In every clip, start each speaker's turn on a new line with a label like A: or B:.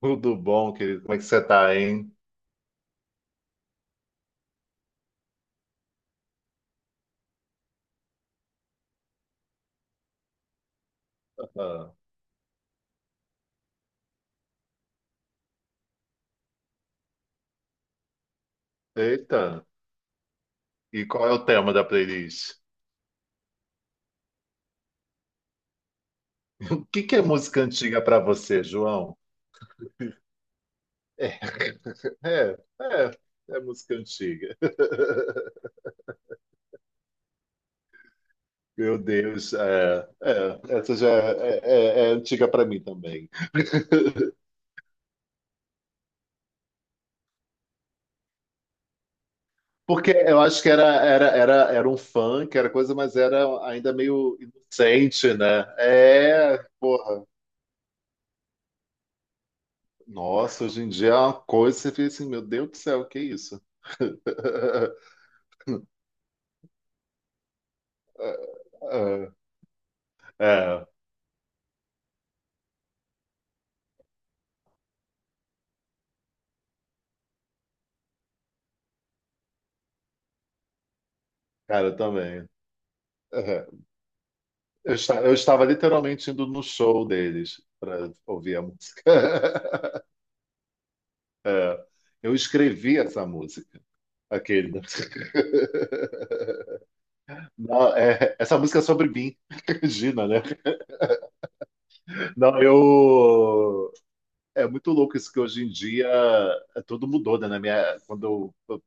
A: Tudo bom, querido? Como é que você tá, hein? Ah. Eita, e qual é o tema da playlist? O que que é música antiga pra você, João? É, é, é, é música antiga. Meu Deus, essa já é, é antiga pra mim também. Porque eu acho que era um funk, era coisa, mas era ainda meio inocente, né? É, Nossa, hoje em dia é uma coisa, que você fica assim, meu Deus do céu, que isso? É, cara, eu também. É. Eu estava literalmente indo no show deles para ouvir a música. É. Eu escrevi essa música, aquele. Não, é, essa música é sobre mim, Gina, né? Não, eu. É muito louco isso que hoje em dia é, tudo mudou, né? Na minha, quando eu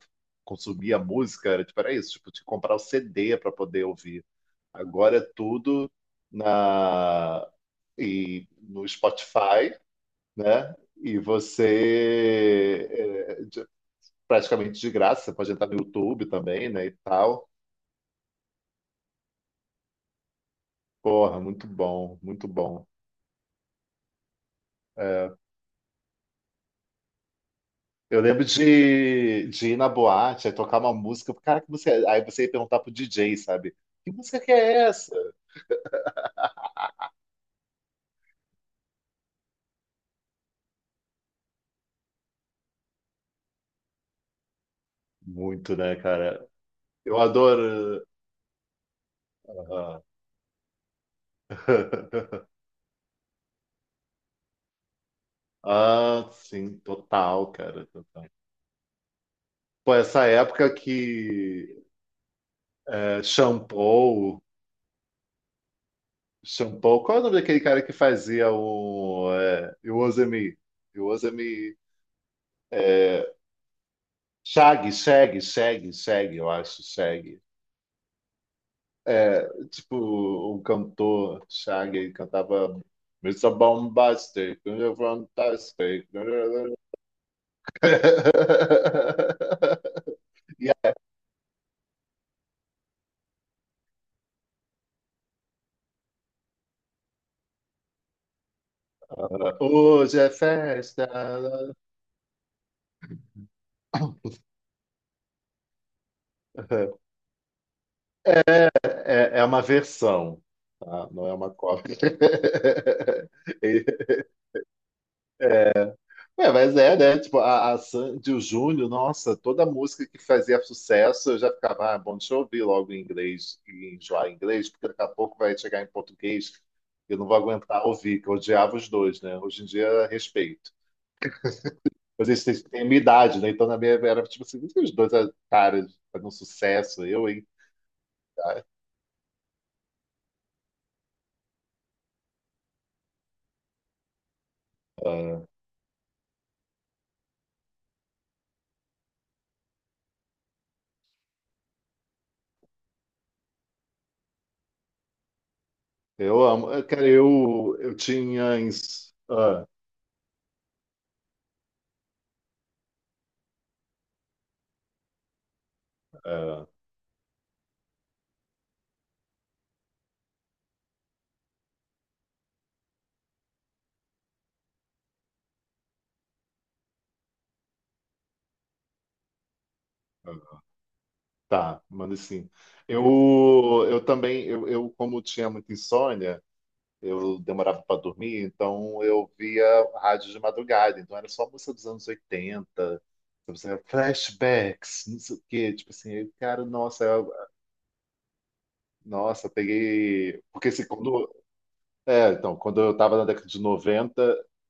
A: consumia música, era tipo, era isso, tipo, tinha que comprar o CD para poder ouvir. Agora é tudo na e no Spotify, né? E você é, de- praticamente de graça, você pode entrar no YouTube também, né? E tal. Porra, muito bom, muito bom. É, Eu lembro de ir na boate, aí tocar uma música, cara, que música é? Aí você ia perguntar pro DJ, sabe? Que música que é essa? Muito, né, cara? Eu adoro. Aham. Ah, sim, total, cara, total. Pô, essa época que é Shampoo. Shampoo, qual é o nome daquele cara que fazia o é, You Use Me? You Use Me. É, Shaggy, eu acho, Shaggy. É, tipo, um cantor, Shaggy, ele cantava Mr. Bombastic, Mr. Fantastic. Hoje é festa. É, é uma versão, tá? Não é uma cópia. E- Ué, mas é, né? Tipo, a Sandy, o Júnior, nossa, toda música que fazia sucesso, eu já ficava, ah, bom, deixa eu ouvir logo em inglês e enjoar em inglês, porque daqui a pouco vai chegar em português e eu não vou aguentar ouvir, que eu odiava os dois, né? Hoje em dia, respeito. Mas eles têm a minha idade, né? Então, na minha era tipo assim, os dois caras fazendo sucesso, eu, hein? Ah, ah, eu amo. Cara, eu tinha. Ins- Ah, ah, tá, manda sim. Eu, eu também, eu como tinha muita insônia, eu demorava para dormir, então eu via rádio de madrugada, então era só música dos anos 80, sabe, assim, flashbacks, não sei o quê, tipo assim, eu, cara, nossa. Eu- nossa, peguei, porque assim, quando é, então, quando eu estava na década de 90,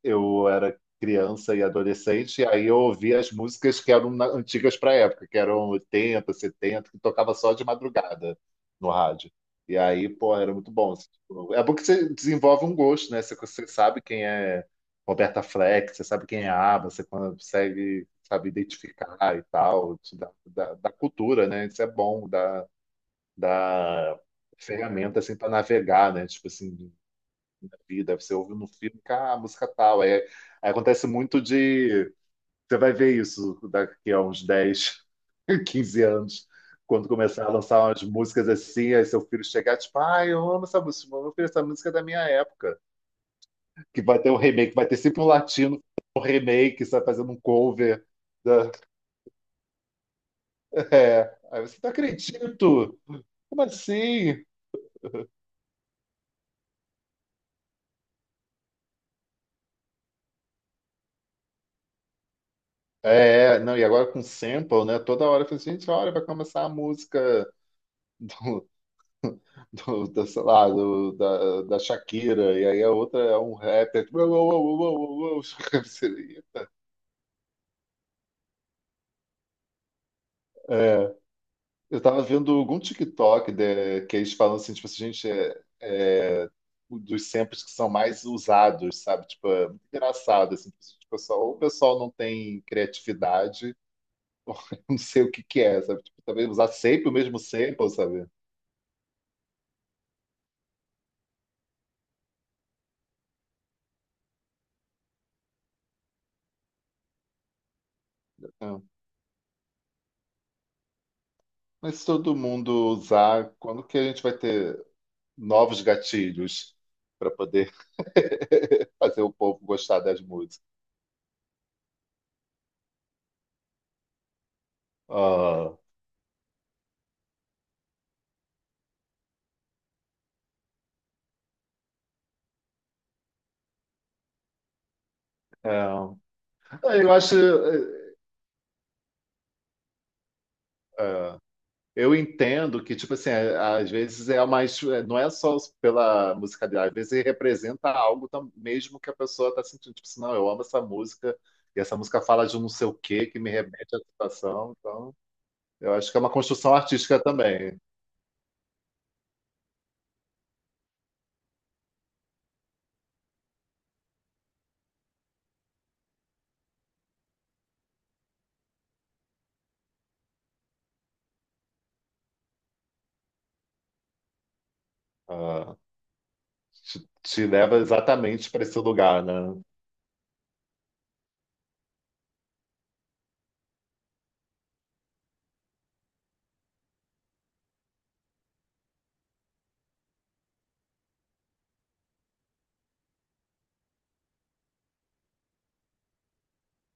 A: eu era criança e adolescente, e aí eu ouvia as músicas que antigas para a época, que eram 80, 70, que tocava só de madrugada no rádio. E aí, pô, era muito bom, assim, tipo. É bom que você desenvolve um gosto, né? Você, você sabe quem é Roberta Fleck, você sabe quem é ABBA, você consegue, sabe, identificar e tal, te dá cultura, né? Isso é bom, dá, dá ferramenta assim para navegar, né? Tipo assim, na vida, você ouve no filme, ah, a música tal. Aí acontece muito de. Você vai ver isso daqui a uns dez quinze anos, quando começar a lançar umas músicas assim, aí seu filho chegar, tipo, ah, eu amo essa música, meu filho, essa música é da minha época. Que vai ter um remake, vai ter sempre um latino, um remake, sabe, fazendo um cover. Da- É. Aí você, não acredito! Como assim? É, não, e agora com sample, né? Toda hora eu falo assim, gente, olha, vai começar a música sei lá, da Shakira, e aí a outra é um rapper. Tipo, uou, uou, uou, uou, uou, uou. Seria. É, eu tava vendo algum TikTok de- que eles falam assim, tipo assim, gente, dos samples que são mais usados, sabe? Tipo, é muito engraçado, assim, tipo, o pessoal- ou o pessoal não tem criatividade, não sei o que que é, sabe? Tipo, talvez usar sempre o mesmo sample, sabe? É. Mas se todo mundo usar, quando que a gente vai ter novos gatilhos para poder fazer o povo gostar das músicas. Ah, é. Eu acho, é, é, eu entendo que, tipo assim, é- às vezes é mais. É, Não é só pela musicalidade, às vezes representa algo tam- mesmo que a pessoa está sentindo. Tipo assim, não, eu amo essa música, e essa música fala de um não sei o quê que me remete à situação. Então, eu acho que é uma construção artística também. Ah, te leva exatamente para esse lugar, né?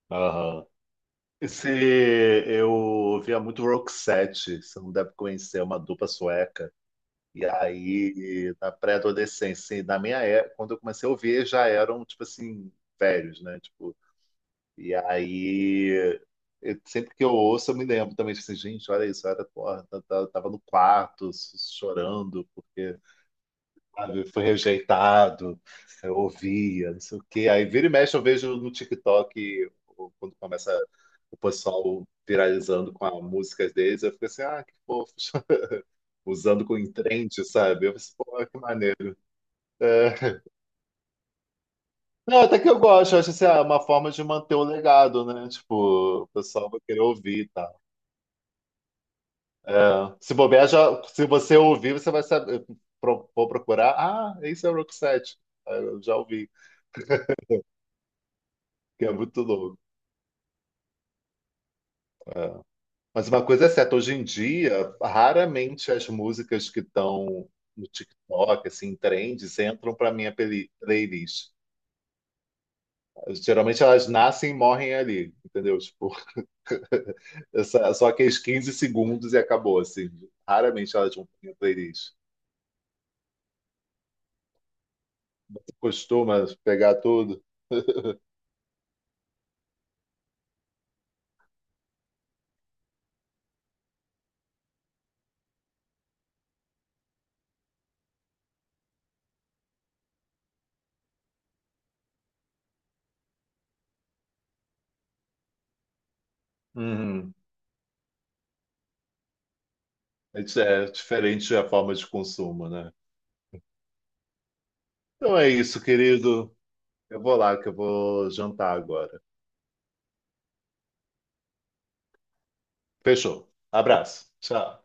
A: Aham. Esse, eu via muito Roxette, você não deve conhecer, é uma dupla sueca. E aí, na pré-adolescência, e na minha época, quando eu comecei a ouvir, já eram, tipo assim, velhos, né? Tipo, e aí, eu- sempre que eu ouço, eu me lembro também, tipo assim, gente, olha isso, eu era, porra, eu tava no quarto, chorando, sabe? Fui rejeitado, eu ouvia, não sei o quê. Aí vira e mexe eu vejo no TikTok, o- quando começa o pessoal viralizando com as músicas deles, eu fico assim, ah, que fofo, usando com entrente, sabe? Eu pensei, pô, que maneiro. É. Não, até que eu gosto, eu acho assim, ah, uma forma de manter o legado, né? Tipo, o pessoal vai querer ouvir e tal. É. Se bobear, já, se você ouvir, você vai saber, pro- vou procurar, ah, esse é o Roxette. Ah, eu já ouvi, que é muito louco. É. Mas uma coisa é certa, hoje em dia, raramente as músicas que estão no TikTok, assim, em trends, entram para minha playlist. Geralmente elas nascem e morrem ali, entendeu? Tipo, essa- só aqueles 15 segundos e acabou, assim. Raramente elas vão para minha playlist. Costuma pegar tudo. Uhum. É diferente a forma de consumo, né? Então é isso, querido. Eu vou lá, que eu vou jantar agora. Fechou. Abraço. Tchau.